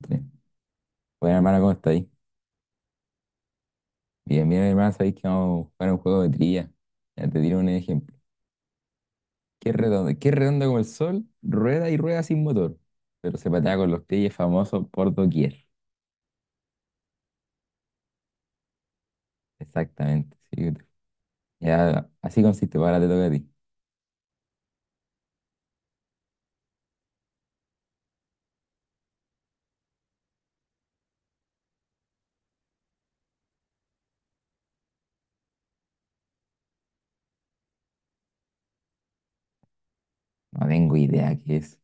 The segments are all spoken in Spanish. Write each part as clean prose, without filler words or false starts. Tres. Bueno, hermano, ¿cómo estáis? Bien, bien, hermano, sabéis que vamos a jugar un juego de trivia. Ya te tiro un ejemplo. ¿Qué es redondo? ¿Qué es redondo como el sol? Rueda y rueda sin motor. Pero se patea con los pies y es famoso por doquier. Exactamente, sí. Ya, así consiste. Ahora te toca a ti. No tengo idea qué es.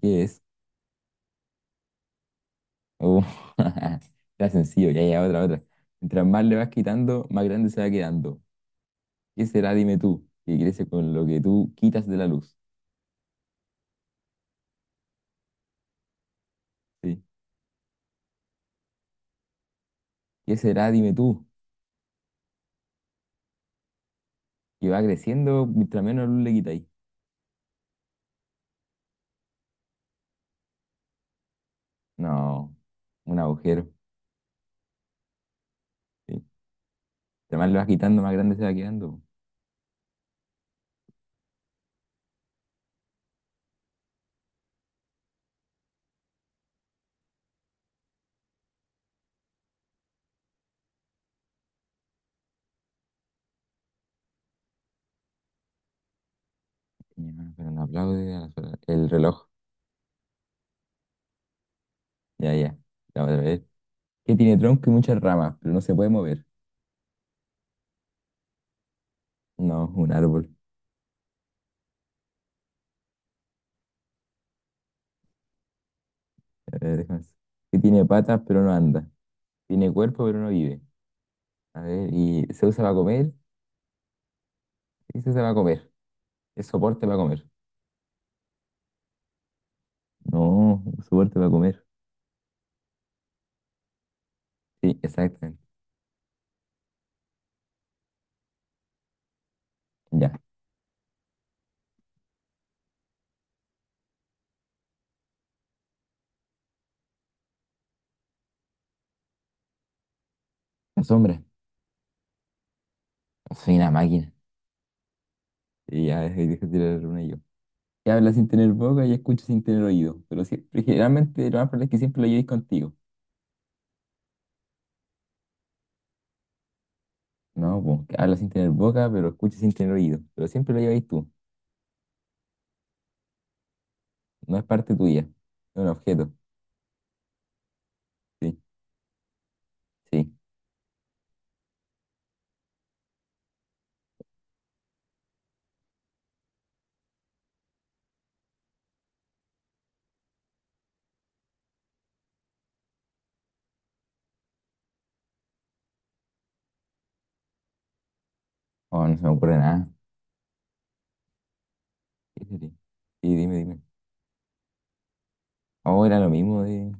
¿Qué es? Uh, está sencillo. Ya, otra, otra. Mientras más le vas quitando, más grande se va quedando. ¿Qué será? Dime tú. Que crece con lo que tú quitas de la luz. Sí. ¿Qué será? Dime tú. Y va creciendo mientras menos luz le quitáis. No, un agujero. Sí. Entre más lo vas quitando, más grande se va quedando. Mi hermano, pero no aplaude el reloj. Ya, ya. La otra vez. Que tiene tronco y muchas ramas, pero no se puede mover. No, un árbol. A ver, déjame ver. Que tiene patas, pero no anda. Tiene cuerpo, pero no vive. A ver, y se usa para comer. Sí, se usa para comer. Es soporte para comer. No, soporte para comer. Sí, exactamente. Ya. La sombra. Soy una máquina. Y ya, ahí dejé de tirar una yo. Que habla sin tener boca y escucha sin tener oído. Pero siempre, generalmente lo más probable es que siempre lo llevéis contigo. No, po, que habla sin tener boca, pero escucha sin tener oído. Pero siempre lo lleváis tú. No es parte tuya. Es un objeto. Sí, sí. Oh, no se me ocurre nada. ¿Qué sería? Sí, sí, dime, dime. Oh, era lo mismo de.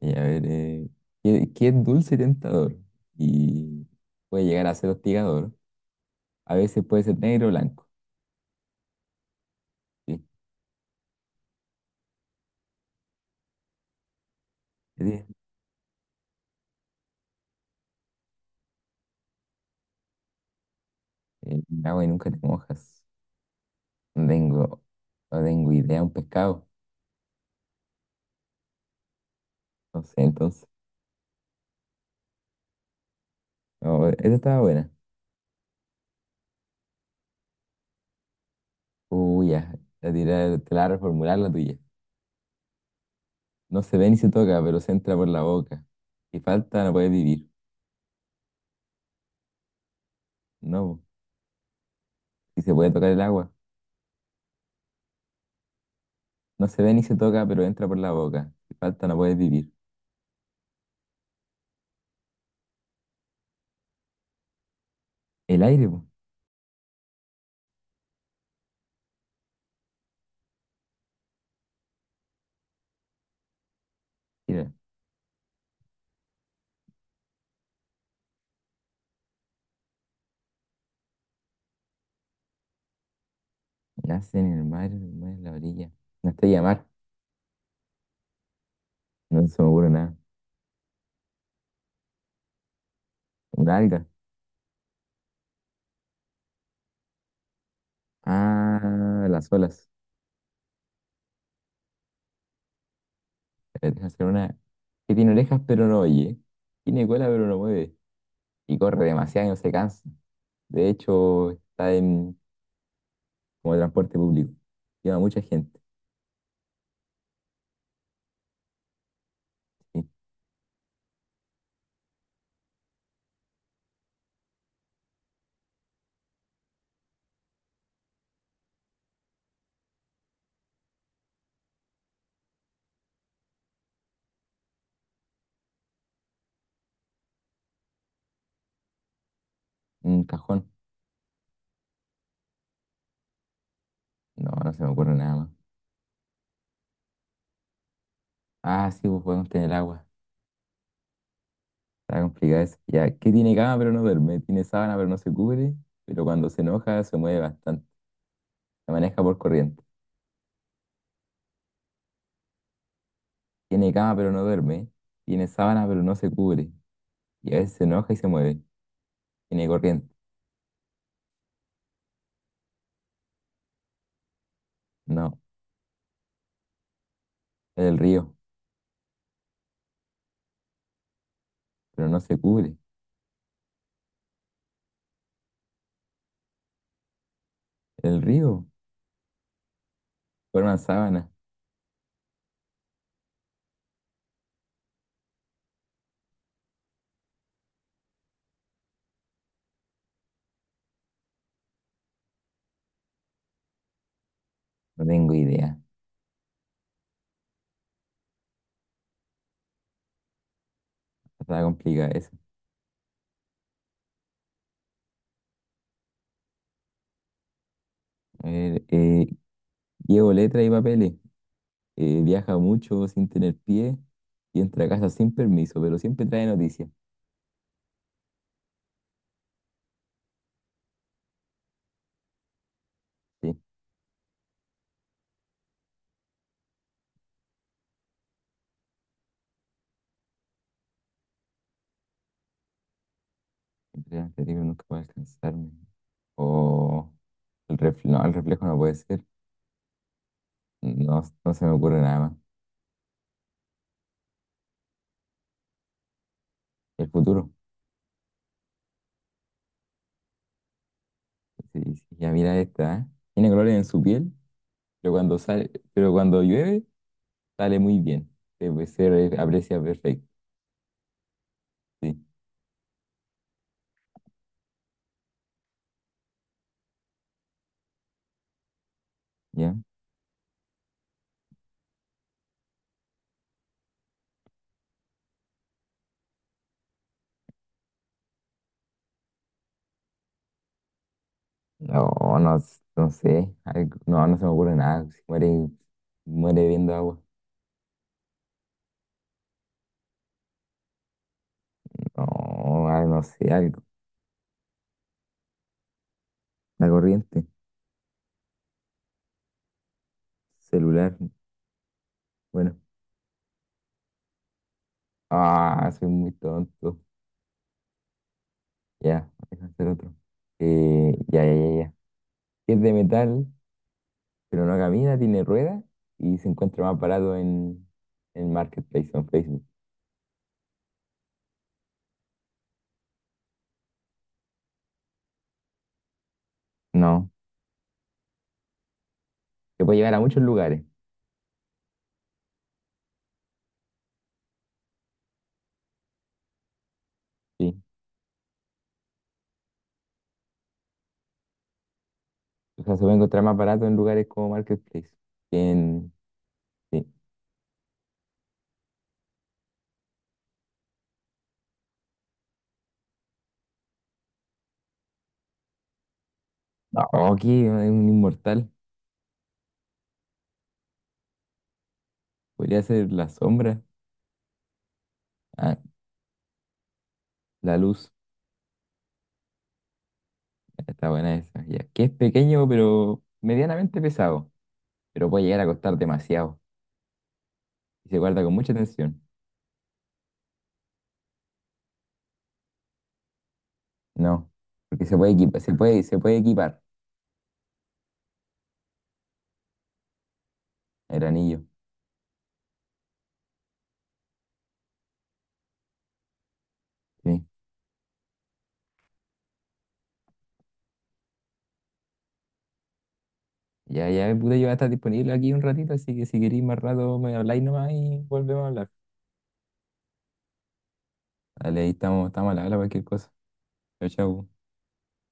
A ver, ¿qué, qué es dulce y tentador? Y puede llegar a ser hostigador. A veces puede ser negro o blanco. Sí. ¿Qué tiene? Agua y nunca te mojas. No tengo, no tengo idea. Un pescado. No sé, entonces. No, esa estaba buena. Uy, ya. La tirar, te la voy a reformular la tuya. No se ve ni se toca, pero se entra por la boca. Si falta, no puede vivir. No, si se puede tocar el agua. No se ve ni se toca, pero entra por la boca. Si falta, no puede vivir. El aire, pues. Mira, nace en el mar en la orilla. Una estrella de mar. No se me ocurre nada. Una alga. Ah, las olas. Deja hacer una que tiene orejas, pero no oye. Tiene cola, pero no mueve. Y corre demasiado y no se cansa. De hecho, está en como transporte público. Lleva mucha gente. Sí. Un cajón. No, no se me ocurre nada más. Ah, sí, pues podemos tener agua. Está complicado eso. Ya, que tiene cama pero no duerme. Tiene sábana pero no se cubre. Pero cuando se enoja se mueve bastante. Se maneja por corriente. Tiene cama pero no duerme. Tiene sábana pero no se cubre. Y a veces se enoja y se mueve. Tiene corriente. No, es el río. Pero no se cubre. El río. Forman sábana. No tengo idea. Está complicado eso. A ver, llevo letras y papeles. Viaja mucho sin tener pie y entra a casa sin permiso, pero siempre trae noticias. Sí, siempre trae noticias, nunca va a alcanzarme. O el reflejo no puede ser. No, no se me ocurre nada más. El futuro. Sí, sí, ya mira esta, ¿eh? Tiene colores en su piel, pero cuando sale, pero cuando llueve, sale muy bien. Se, aprecia perfecto. Sí, ¿ya? No, no, no sé. No, no se me ocurre nada. Si muere, muere viendo agua. No, ah no sé, algo. La corriente, celular. Bueno, ah, soy muy tonto. Ya, deja hacer otro. Eh, ya, ya, ya, ya. Es de metal, pero no camina, tiene ruedas y se encuentra más barato en Marketplace o en Facebook. No, se puede llevar a muchos lugares. Sí, o sea, se puede encontrar más barato en lugares como Marketplace que en. Sí. No, aquí es un inmortal. Podría ser la sombra, ah, la luz. Está buena esa. Ya. Que es pequeño, pero medianamente pesado. Pero puede llegar a costar demasiado. Y se guarda con mucha tensión. No. Porque se puede equipar, se puede equipar el anillo. Sí. Ya, ya, pude yo voy a estar disponible aquí un ratito, así que si queréis más rato me habláis nomás y volvemos a hablar. Dale, ahí estamos, estamos a la hora cualquier cosa. Chao, chao.